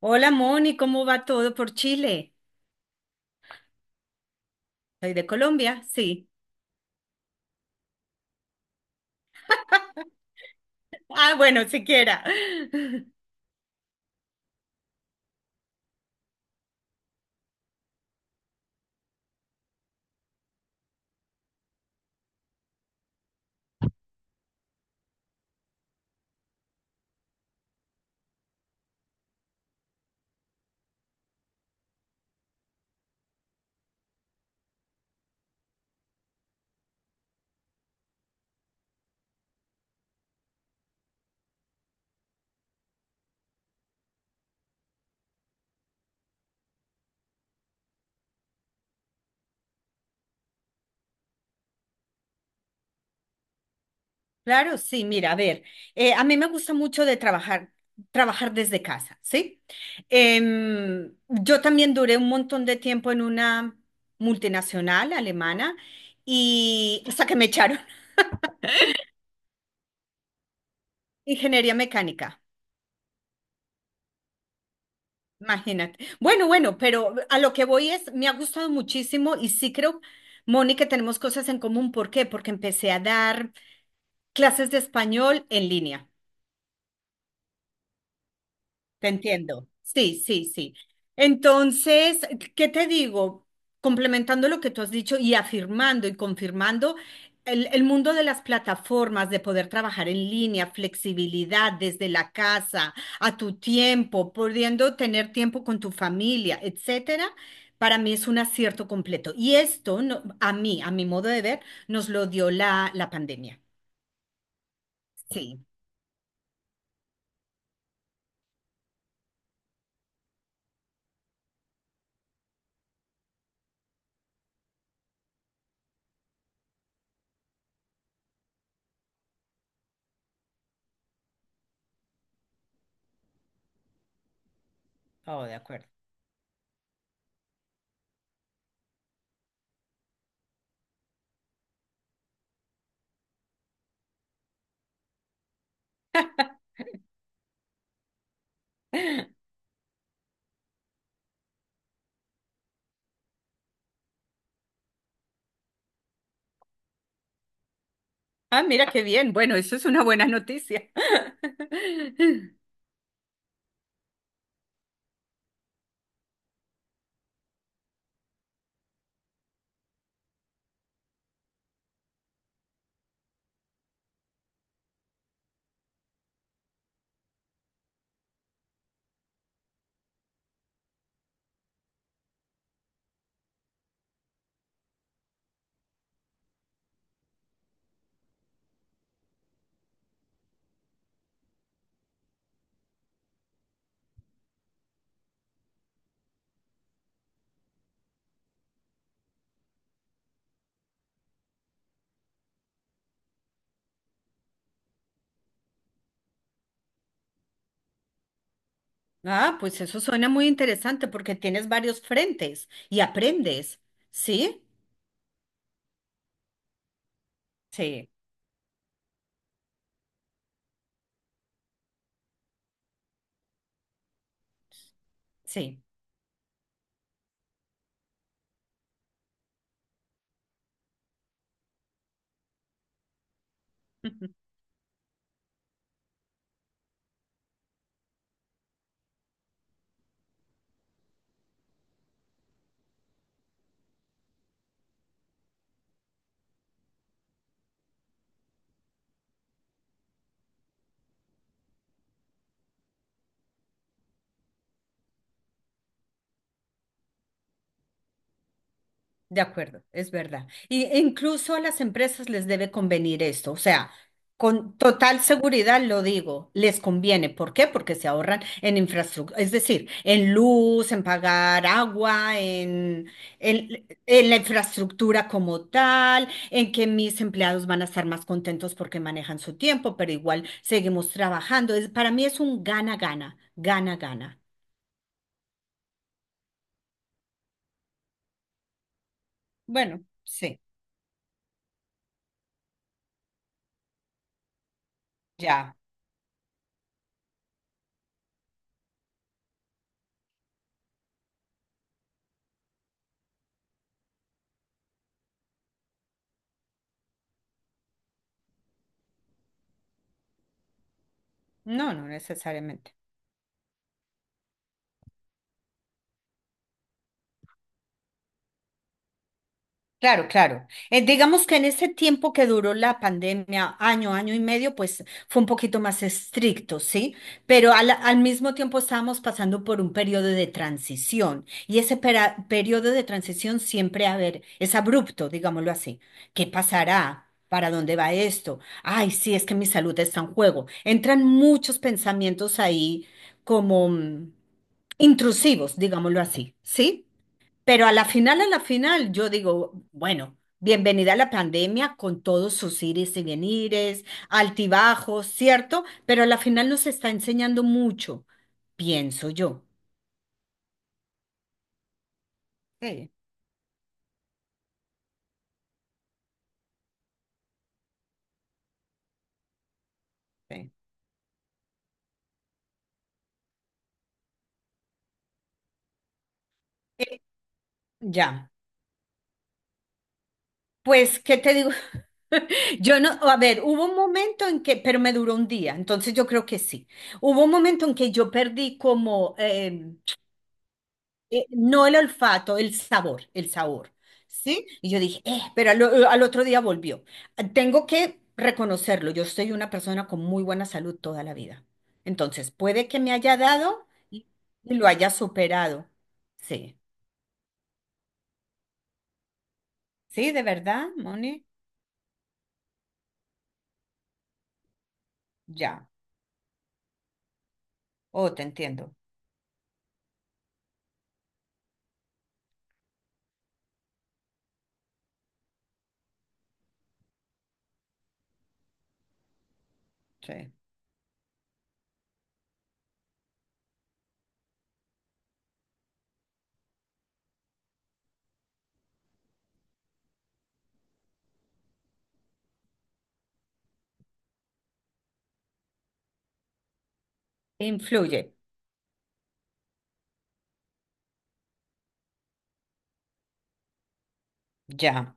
Hola Moni, ¿cómo va todo por Chile? ¿Soy de Colombia? Sí. Ah, bueno, siquiera. Claro, sí, mira, a ver, a mí me gusta mucho de trabajar desde casa, ¿sí? Yo también duré un montón de tiempo en una multinacional alemana y hasta que me echaron. Ingeniería mecánica, imagínate. Bueno, bueno, pero a lo que voy es, me ha gustado muchísimo y sí creo, Moni, que tenemos cosas en común. ¿Por qué? Porque empecé a dar clases de español en línea. Te entiendo. Sí, sí, sí. Entonces, ¿qué te digo? Complementando lo que tú has dicho y afirmando y confirmando, el mundo de las plataformas, de poder trabajar en línea, flexibilidad desde la casa, a tu tiempo, pudiendo tener tiempo con tu familia, etcétera, para mí es un acierto completo. Y esto, a mí, a mi modo de ver, nos lo dio la pandemia. Sí. Oh, de acuerdo. Ah, mira qué bien. Bueno, eso es una buena noticia. Ah, pues eso suena muy interesante porque tienes varios frentes y aprendes. ¿Sí? Sí, sí. De acuerdo, es verdad. Y incluso a las empresas les debe convenir esto, o sea, con total seguridad lo digo, les conviene. ¿Por qué? Porque se ahorran en infraestructura, es decir, en luz, en pagar agua, en la infraestructura como tal, en que mis empleados van a estar más contentos porque manejan su tiempo, pero igual seguimos trabajando. Es, para mí es un gana-gana, gana-gana. Bueno, sí, ya. No, no necesariamente. Claro, claro. Digamos que en ese tiempo que duró la pandemia, año, año y medio, pues fue un poquito más estricto, ¿sí? Pero al mismo tiempo estábamos pasando por un periodo de transición y ese periodo de transición siempre, a ver, es abrupto, digámoslo así. ¿Qué pasará? ¿Para dónde va esto? Ay, sí, es que mi salud está en juego. Entran muchos pensamientos ahí como intrusivos, digámoslo así, ¿sí? Pero a la final, yo digo, bueno, bienvenida a la pandemia con todos sus ires y venires, altibajos, ¿cierto? Pero a la final nos está enseñando mucho, pienso yo. Sí, sí. Eh, ya, pues, ¿qué te digo? Yo no, a ver, hubo un momento en que, pero me duró un día, entonces yo creo que sí. Hubo un momento en que yo perdí como, no el olfato, el sabor, ¿sí? Y yo dije, pero al otro día volvió. Ah, tengo que reconocerlo, yo soy una persona con muy buena salud toda la vida. Entonces, puede que me haya dado y lo haya superado. Sí, sí, de verdad, Moni, ya. Oh, te entiendo. Sí. Influye, ya.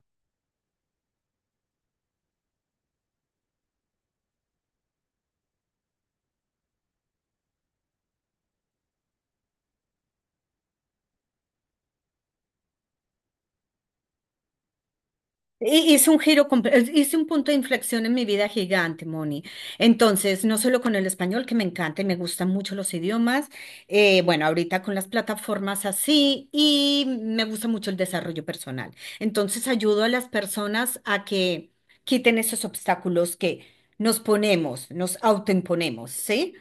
Hice un giro, hice un punto de inflexión en mi vida gigante, Moni. Entonces, no solo con el español, que me encanta y me gustan mucho los idiomas, bueno, ahorita con las plataformas así, y me gusta mucho el desarrollo personal. Entonces, ayudo a las personas a que quiten esos obstáculos que nos ponemos, nos autoimponemos, ¿sí?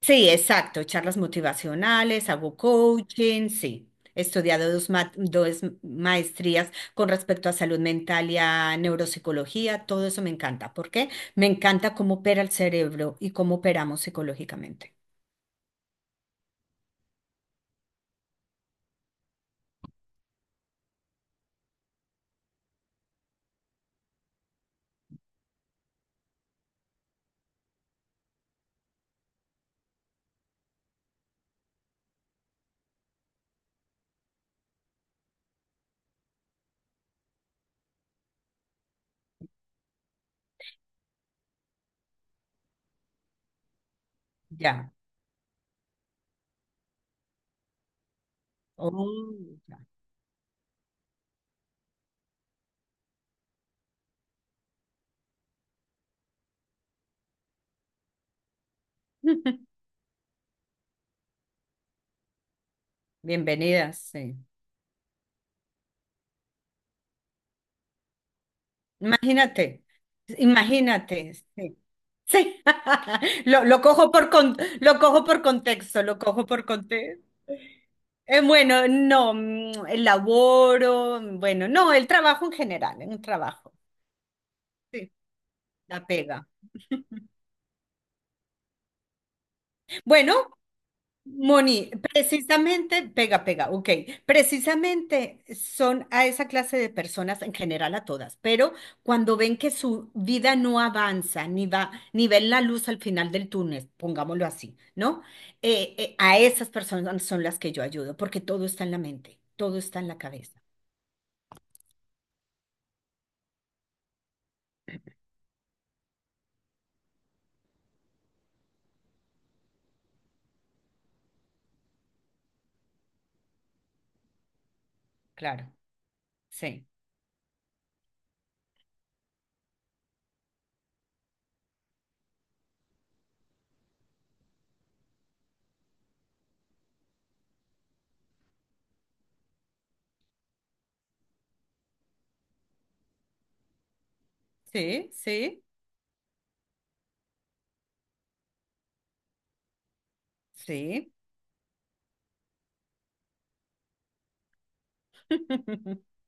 Sí, exacto, charlas motivacionales, hago coaching, sí. He estudiado dos maestrías con respecto a salud mental y a neuropsicología, todo eso me encanta. ¿Por qué? Me encanta cómo opera el cerebro y cómo operamos psicológicamente. Ya. Oh, ya. Bienvenidas, sí. Imagínate, imagínate, sí. Sí. Lo, lo cojo por con- lo cojo por contexto, lo cojo por contexto. Bueno, no, el laboro, bueno, no, el trabajo en general, en un trabajo, sí. La pega. Bueno, Moni, precisamente, pega, pega, ok, precisamente son a esa clase de personas, en general a todas, pero cuando ven que su vida no avanza, ni va, ni ven la luz al final del túnel, pongámoslo así, ¿no? A esas personas son las que yo ayudo, porque todo está en la mente, todo está en la cabeza, claro, sí, sí, sí. Sí,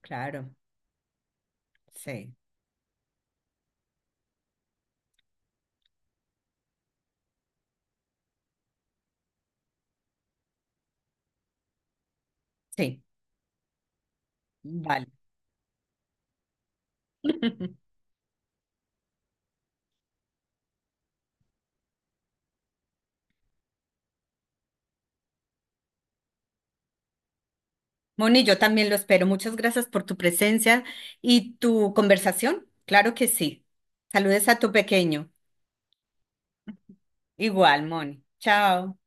claro, sí, sí, vale. Moni, yo también lo espero. Muchas gracias por tu presencia y tu conversación. Claro que sí. Saludes a tu pequeño. Igual, Moni. Chao.